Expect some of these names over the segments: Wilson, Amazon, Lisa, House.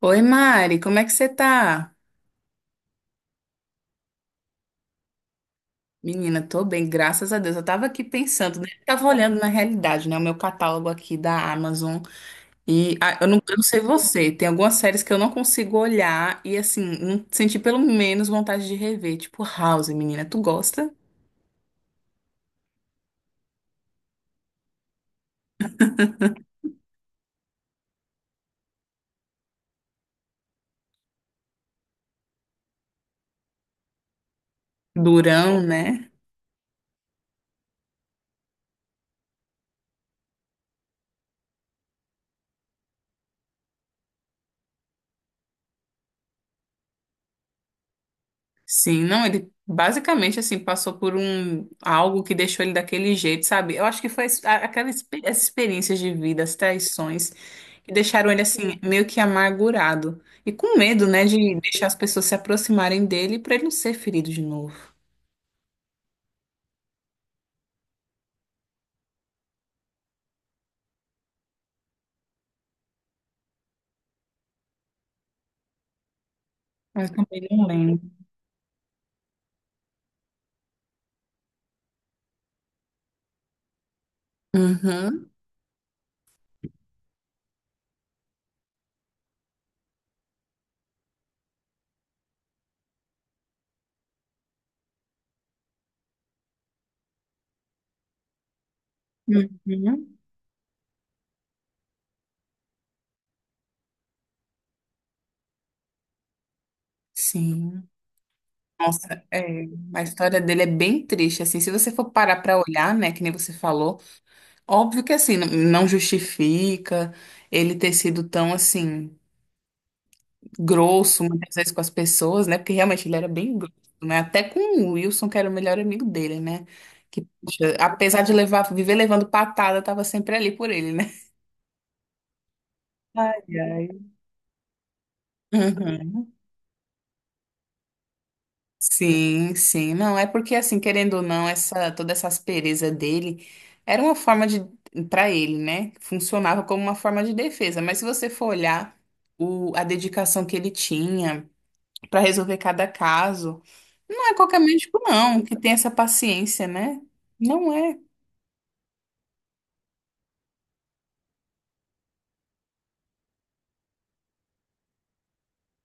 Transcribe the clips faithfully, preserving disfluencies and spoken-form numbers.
Oi, Mari, como é que você tá? Menina, tô bem, graças a Deus. Eu tava aqui pensando, né? Eu tava olhando na realidade, né? O meu catálogo aqui da Amazon. E ah, eu não, eu não sei você, tem algumas séries que eu não consigo olhar e, assim, não senti pelo menos vontade de rever. Tipo, House, menina, tu gosta? Durão, né? Sim, não, ele basicamente, assim, passou por um algo que deixou ele daquele jeito, sabe? Eu acho que foi a- aquela expe- essa experiência de vida, as traições que deixaram ele assim, meio que amargurado. E com medo, né, de deixar as pessoas se aproximarem dele para ele não ser ferido de novo. Mas eu também não lembro. Uhum, uhum, sim. Nossa, é, a história dele é bem triste, assim, se você for parar pra olhar, né, que nem você falou, óbvio que assim, não não justifica ele ter sido tão assim grosso muitas vezes com as pessoas, né? Porque realmente ele era bem grosso, né? Até com o Wilson, que era o melhor amigo dele, né? Que, poxa, apesar de levar, viver levando patada, tava sempre ali por ele, né? Ai, ai. Uhum. Sim, sim. Não, é porque assim, querendo ou não, essa toda essa aspereza dele era uma forma de para ele, né? Funcionava como uma forma de defesa, mas se você for olhar o, a dedicação que ele tinha para resolver cada caso. Não é qualquer médico, não, que tem essa paciência, né? Não é.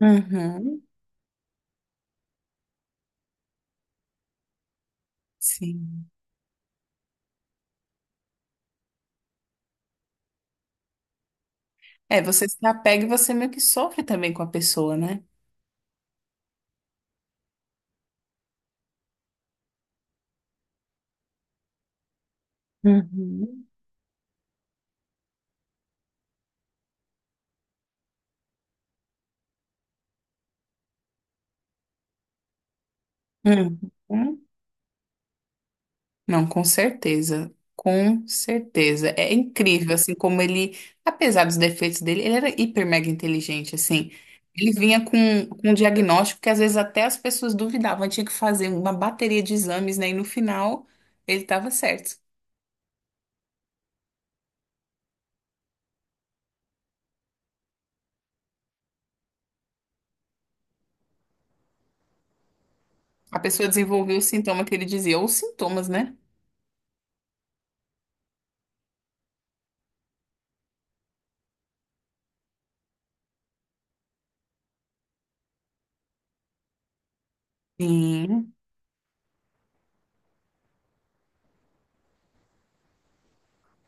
Uhum, sim. É, você se apega e você meio que sofre também com a pessoa, né? Uhum. Uhum. Não, com certeza. Com certeza. É incrível, assim, como ele, apesar dos defeitos dele, ele era hiper mega inteligente, assim. Ele vinha com, com um diagnóstico que às vezes até as pessoas duvidavam, tinha que fazer uma bateria de exames, né? E no final ele estava certo. A pessoa desenvolveu o sintoma que ele dizia, ou os sintomas, né? Sim,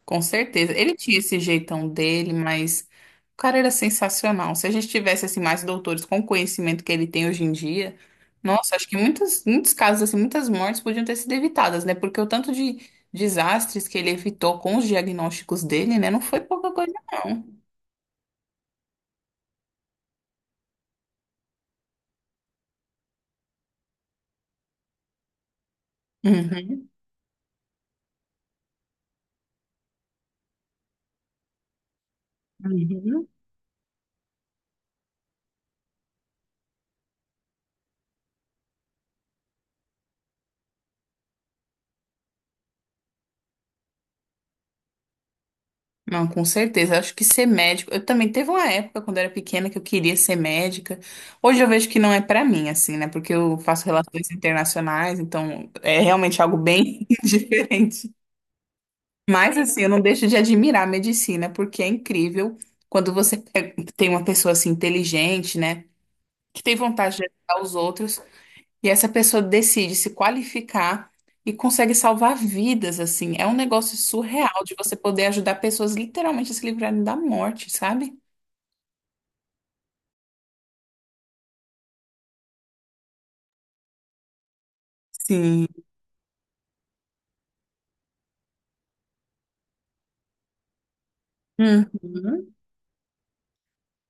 com certeza. Ele tinha esse jeitão dele, mas o cara era sensacional. Se a gente tivesse assim mais doutores com o conhecimento que ele tem hoje em dia, nossa, acho que muitos, muitos casos assim, muitas mortes podiam ter sido evitadas, né? Porque o tanto de desastres que ele evitou com os diagnósticos dele, né, não foi pouca coisa, não. Uhum. Uhum. Não, com certeza. Acho que ser médico. Eu também teve uma época quando eu era pequena que eu queria ser médica. Hoje eu vejo que não é pra mim, assim, né? Porque eu faço relações internacionais, então é realmente algo bem diferente. Mas, assim, eu não deixo de admirar a medicina, porque é incrível quando você pe- tem uma pessoa assim inteligente, né? Que tem vontade de ajudar os outros. E essa pessoa decide se qualificar e consegue salvar vidas, assim. É um negócio surreal de você poder ajudar pessoas literalmente a se livrarem da morte, sabe? Sim. Uhum.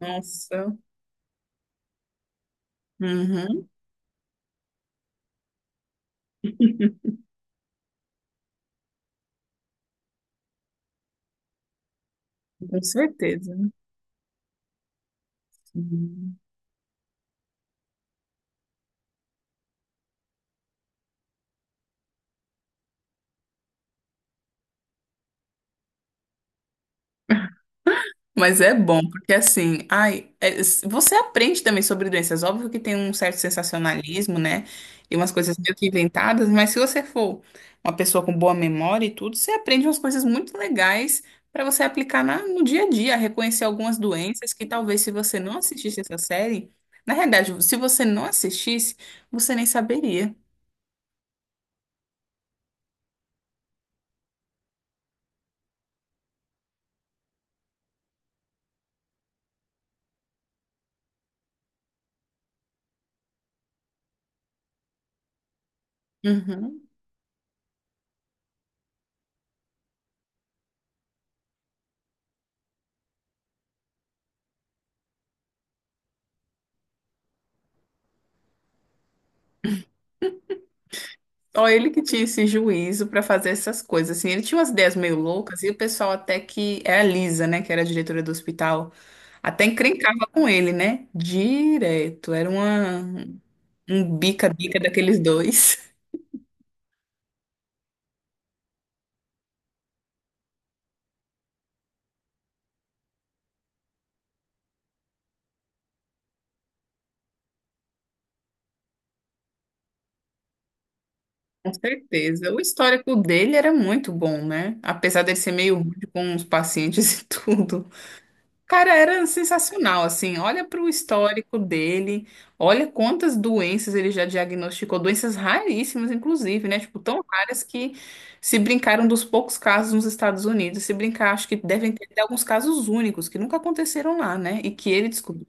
Nossa. Uhum. Com certeza. Sim. Mas é bom, porque assim, ai, é- s- você aprende também sobre doenças. Óbvio que tem um certo sensacionalismo, né? E umas coisas meio que inventadas, mas se você for uma pessoa com boa memória e tudo, você aprende umas coisas muito legais para você aplicar na- no dia a dia, reconhecer algumas doenças que talvez se você não assistisse essa série, na realidade, se você não assistisse, você nem saberia. Uhum. Ó, ele que tinha esse juízo para fazer essas coisas, assim, ele tinha umas ideias meio loucas e o pessoal até que, era a Lisa, né, que era a diretora do hospital, até encrencava com ele, né, direto, era uma, um bica-bica daqueles dois. Com certeza. O histórico dele era muito bom, né, apesar dele ser meio rude com os pacientes. E tudo. Cara, era sensacional, assim. Olha para o histórico dele, olha quantas doenças ele já diagnosticou, doenças raríssimas, inclusive, né? Tipo, tão raras que se brincaram dos poucos casos nos Estados Unidos. Se brincar, acho que devem ter até alguns casos únicos que nunca aconteceram lá, né? E que ele descobriu.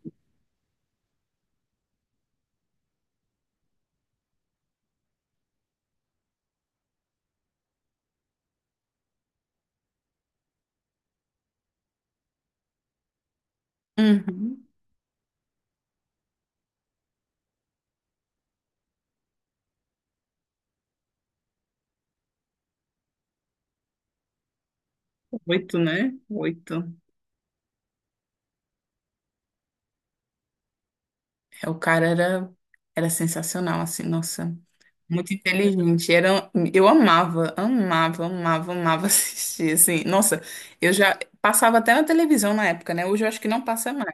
Uhum. Oito, né? Oito. É, o cara era, era sensacional, assim, nossa, muito inteligente. Era, um, eu amava, amava, amava, amava assistir, assim. Nossa, eu já passava até na televisão na época, né? Hoje eu acho que não passa mais.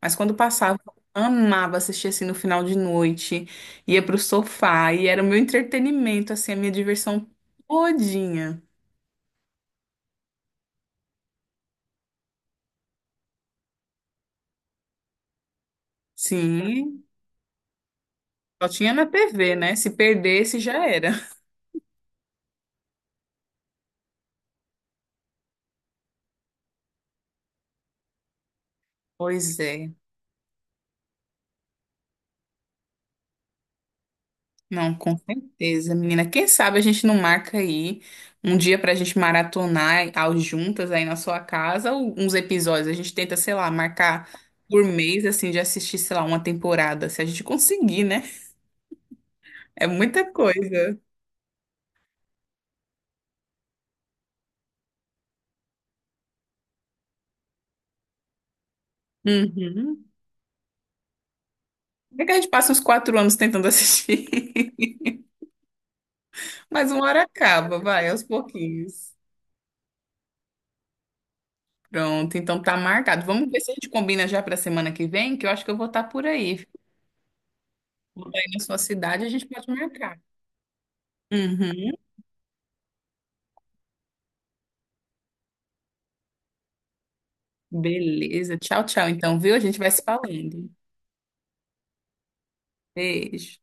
Mas quando passava, eu amava assistir, assim, no final de noite. Ia pro sofá e era o meu entretenimento, assim, a minha diversão todinha. Sim, só tinha na T V, né? Se perdesse, já era. Pois é. Não, com certeza, menina. Quem sabe a gente não marca aí um dia pra gente maratonar ao juntas aí na sua casa ou uns episódios. A gente tenta, sei lá, marcar por mês, assim, de assistir, sei lá, uma temporada, se a gente conseguir, né? É muita coisa. Uhum. É que a gente passa uns quatro anos tentando assistir, mas uma hora acaba, vai, aos pouquinhos. Pronto, então tá marcado. Vamos ver se a gente combina já pra semana que vem, que eu acho que eu vou estar por aí. Vou estar aí na sua cidade, a gente pode marcar. Uhum. Beleza. Tchau, tchau. Então, viu? A gente vai se falando. Beijo.